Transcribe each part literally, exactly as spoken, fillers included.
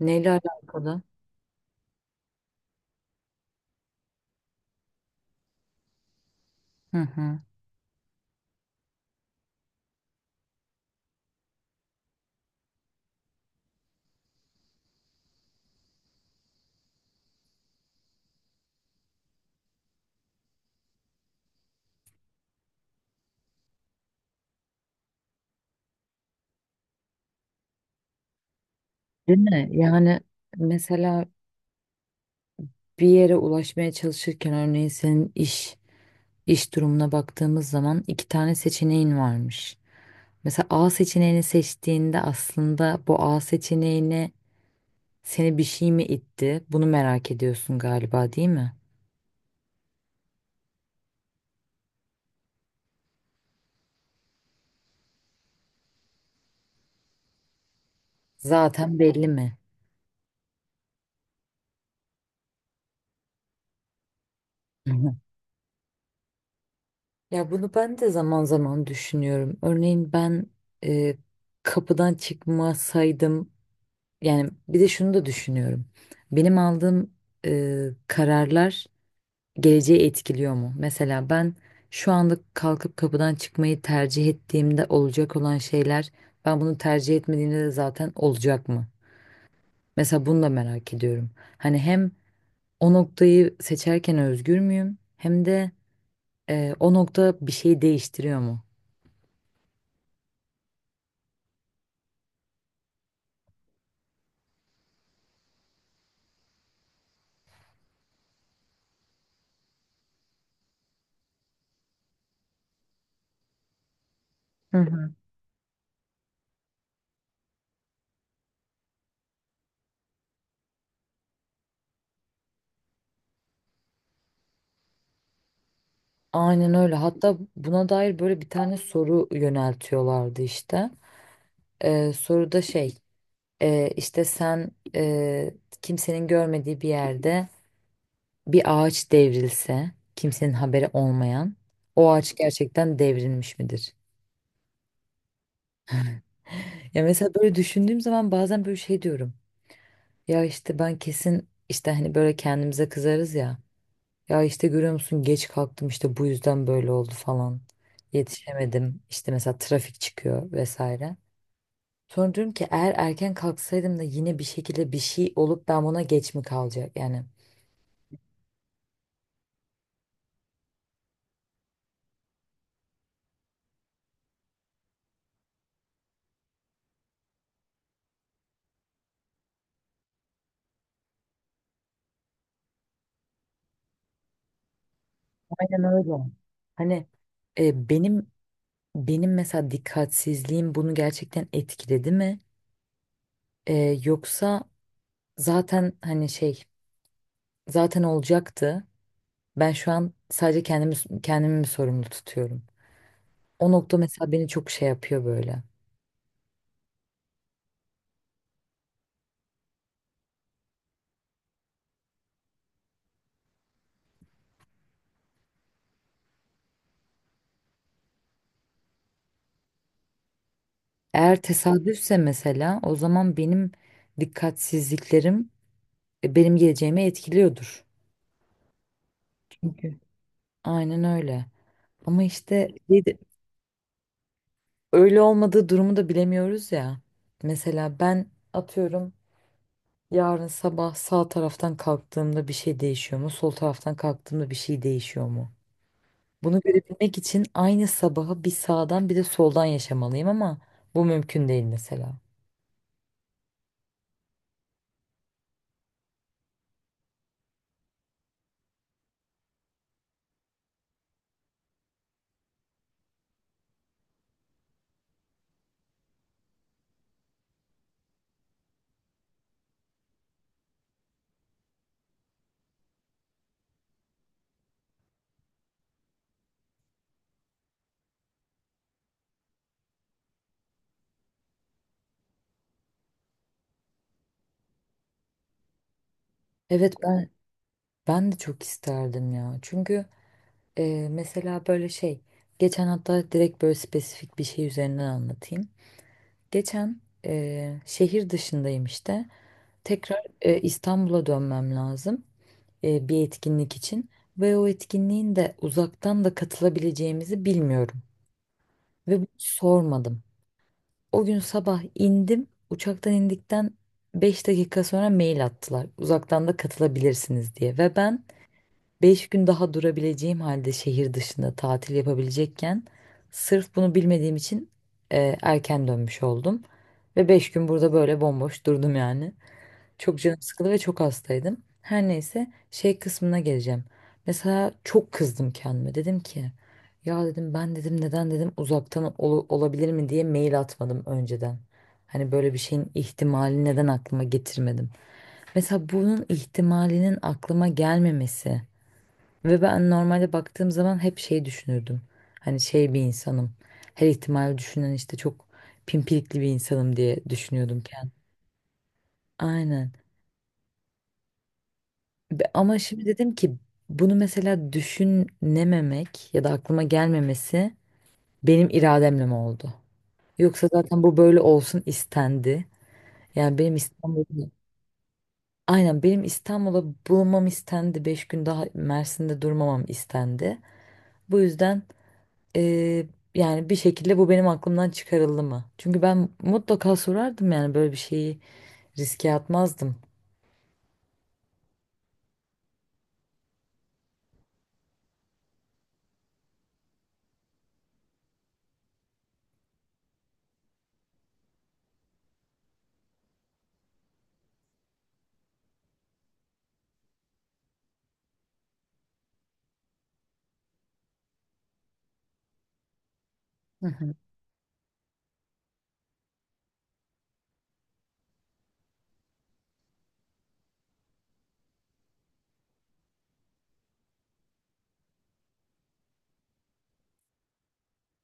Neyle alakalı? Hı hı. Değil mi? Yani mesela bir yere ulaşmaya çalışırken örneğin senin iş iş durumuna baktığımız zaman iki tane seçeneğin varmış. Mesela A seçeneğini seçtiğinde aslında bu A seçeneğine seni bir şey mi itti? Bunu merak ediyorsun galiba, değil mi? Zaten belli mi? Hı hı. Ya bunu ben de zaman zaman düşünüyorum. Örneğin ben e, kapıdan çıkmasaydım. Yani bir de şunu da düşünüyorum. Benim aldığım e, kararlar geleceği etkiliyor mu? Mesela ben şu anda kalkıp kapıdan çıkmayı tercih ettiğimde olacak olan şeyler ben bunu tercih etmediğimde de zaten olacak mı? Mesela bunu da merak ediyorum. Hani hem o noktayı seçerken özgür müyüm? Hem de e, o nokta bir şeyi değiştiriyor mu? Hı hı. Aynen öyle. Hatta buna dair böyle bir tane soru yöneltiyorlardı işte. Ee, soruda şey e, işte sen e, kimsenin görmediği bir yerde bir ağaç devrilse kimsenin haberi olmayan o ağaç gerçekten devrilmiş midir? Ya mesela böyle düşündüğüm zaman bazen böyle şey diyorum. Ya işte ben kesin işte hani böyle kendimize kızarız ya. Ya işte görüyor musun geç kalktım işte bu yüzden böyle oldu falan. Yetişemedim işte mesela trafik çıkıyor vesaire. Sonra diyorum ki eğer erken kalksaydım da yine bir şekilde bir şey olup ben buna geç mi kalacak yani. Aynen öyle. Hani e, benim benim mesela dikkatsizliğim bunu gerçekten etkiledi mi? E, yoksa zaten hani şey zaten olacaktı. Ben şu an sadece kendimi kendimi mi sorumlu tutuyorum? O nokta mesela beni çok şey yapıyor böyle. Eğer tesadüfse mesela o zaman benim dikkatsizliklerim e, benim geleceğimi etkiliyordur. Çünkü. Aynen öyle. Ama işte öyle olmadığı durumu da bilemiyoruz ya. Mesela ben atıyorum yarın sabah sağ taraftan kalktığımda bir şey değişiyor mu? Sol taraftan kalktığımda bir şey değişiyor mu? Bunu görebilmek için aynı sabahı bir sağdan bir de soldan yaşamalıyım ama bu mümkün değil mesela. Evet ben ben de çok isterdim ya. Çünkü e, mesela böyle şey geçen hatta direkt böyle spesifik bir şey üzerinden anlatayım. Geçen eee, şehir dışındayım işte. Tekrar eee, İstanbul'a dönmem lazım eee, bir etkinlik için. Ve o etkinliğin de uzaktan da katılabileceğimizi bilmiyorum. Ve bunu sormadım. O gün sabah indim. Uçaktan indikten beş dakika sonra mail attılar. Uzaktan da katılabilirsiniz diye. Ve ben Beş gün daha durabileceğim halde şehir dışında tatil yapabilecekken sırf bunu bilmediğim için e, erken dönmüş oldum. Ve beş gün burada böyle bomboş durdum yani. Çok canım sıkıldı ve çok hastaydım. Her neyse şey kısmına geleceğim. Mesela çok kızdım kendime. Dedim ki ya dedim ben dedim neden dedim uzaktan ol- olabilir mi diye mail atmadım önceden. Hani böyle bir şeyin ihtimali neden aklıma getirmedim. Mesela bunun ihtimalinin aklıma gelmemesi. Ve ben normalde baktığım zaman hep şey düşünürdüm. Hani şey bir insanım. Her ihtimali düşünen işte çok pimpirikli bir insanım diye düşünüyordum kendim. Aynen. Be- Ama şimdi dedim ki bunu mesela düşünememek ya da aklıma gelmemesi benim irademle mi oldu? Yoksa zaten bu böyle olsun istendi. Yani benim İstanbul'da Aynen benim İstanbul'a bulunmam istendi. Beş gün daha Mersin'de durmamam istendi. Bu yüzden Ee, yani bir şekilde bu benim aklımdan çıkarıldı mı? Çünkü ben mutlaka sorardım yani böyle bir şeyi riske atmazdım. Hı hı.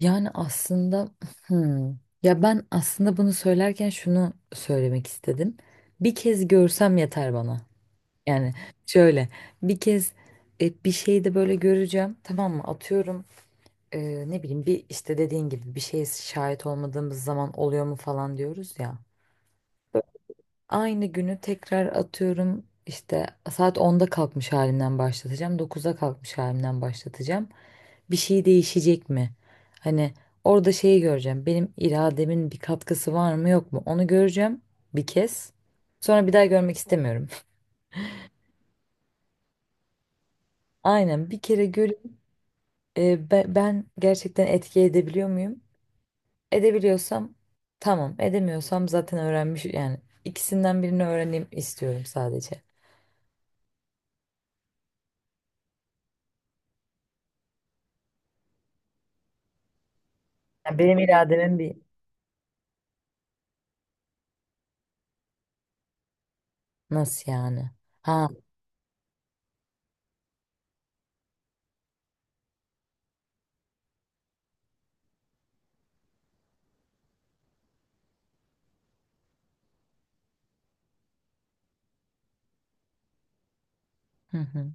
Yani aslında hmm, ya ben aslında bunu söylerken şunu söylemek istedim. Bir kez görsem yeter bana. Yani şöyle bir kez e, bir şeyi de böyle göreceğim, tamam mı? Atıyorum e, ne bileyim bir işte dediğin gibi bir şeye şahit olmadığımız zaman oluyor mu falan diyoruz ya. Aynı günü tekrar atıyorum işte saat onda kalkmış halimden başlatacağım. dokuzda kalkmış halimden başlatacağım. Bir şey değişecek mi? Hani orada şeyi göreceğim. Benim irademin bir katkısı var mı yok mu? Onu göreceğim bir kez. Sonra bir daha görmek istemiyorum. Aynen bir kere görüp e, be- ben gerçekten etki edebiliyor muyum? Edebiliyorsam tamam. Edemiyorsam zaten öğrenmiş, yani ikisinden birini öğreneyim istiyorum sadece. Yani benim irademin bir. Nasıl yani? Ha. Hı hı.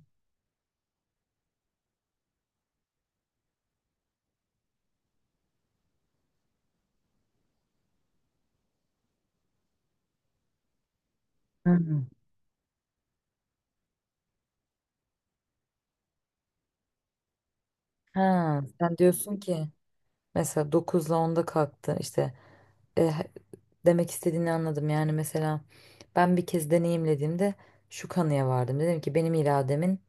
Hı hı. Ha, sen diyorsun ki mesela dokuzla onda kalktı işte. E, he- demek istediğini anladım, yani mesela ben bir kez deneyimlediğimde şu kanıya vardım, dedim ki benim irademin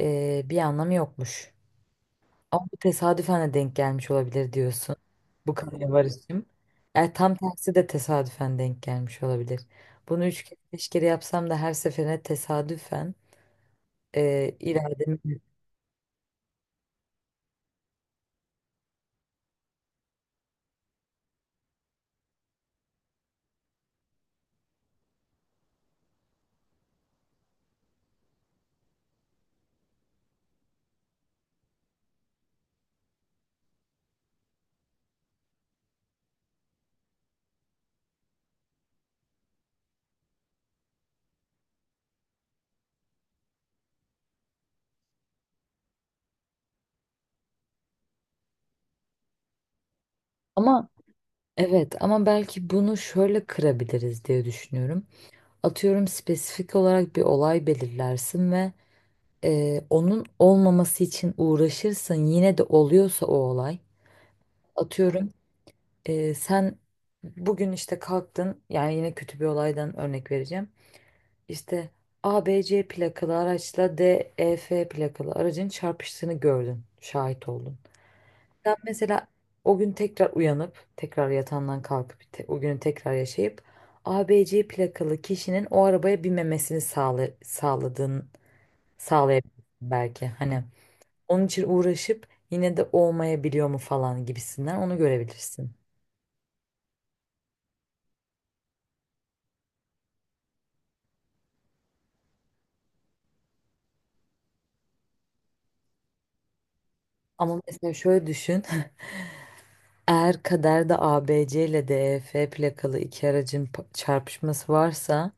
e, bir anlamı yokmuş ama bu tesadüfen de denk gelmiş olabilir diyorsun. Bu kanıya varışım e, tam tersi de tesadüfen denk gelmiş olabilir. Bunu üç kere beş kere yapsam da her seferine tesadüfen e, irademin ama. Evet ama belki bunu şöyle kırabiliriz diye düşünüyorum. Atıyorum spesifik olarak bir olay belirlersin ve e, onun olmaması için uğraşırsın. Yine de oluyorsa o olay. Atıyorum e, sen bugün işte kalktın, yani yine kötü bir olaydan örnek vereceğim. İşte A B C plakalı araçla D E F plakalı aracın çarpıştığını gördün, şahit oldun. Ben mesela o gün tekrar uyanıp tekrar yatağından kalkıp te- o günü tekrar yaşayıp A B C plakalı kişinin o arabaya binmemesini sağla sağladığın sağlayabilirsin belki. Hani onun için uğraşıp yine de olmayabiliyor mu falan gibisinden onu görebilirsin. Ama mesela şöyle düşün. Eğer kaderde A B C ile D E F plakalı iki aracın pa- çarpışması varsa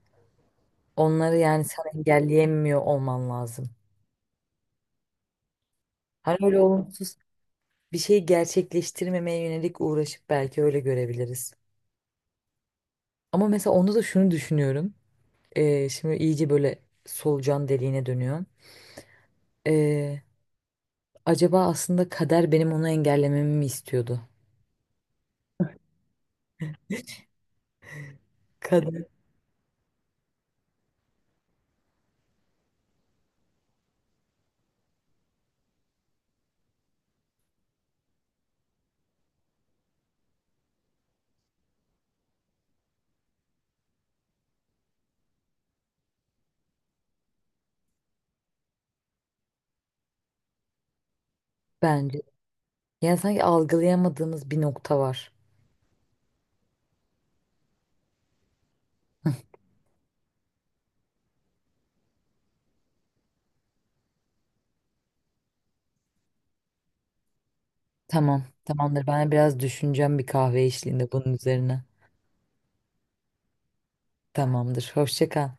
onları, yani sen engelleyemiyor olman lazım. Hani öyle olumsuz bir şeyi gerçekleştirmemeye yönelik uğraşıp belki öyle görebiliriz. Ama mesela onda da şunu düşünüyorum. Ee, şimdi iyice böyle solucan deliğine dönüyorum. Ee, acaba aslında kader benim onu engellememi mi istiyordu? Kader. Bence. Yani sanki algılayamadığımız bir nokta var. Tamam, tamamdır. Ben biraz düşüneceğim bir kahve eşliğinde bunun üzerine. Tamamdır. Hoşça kal.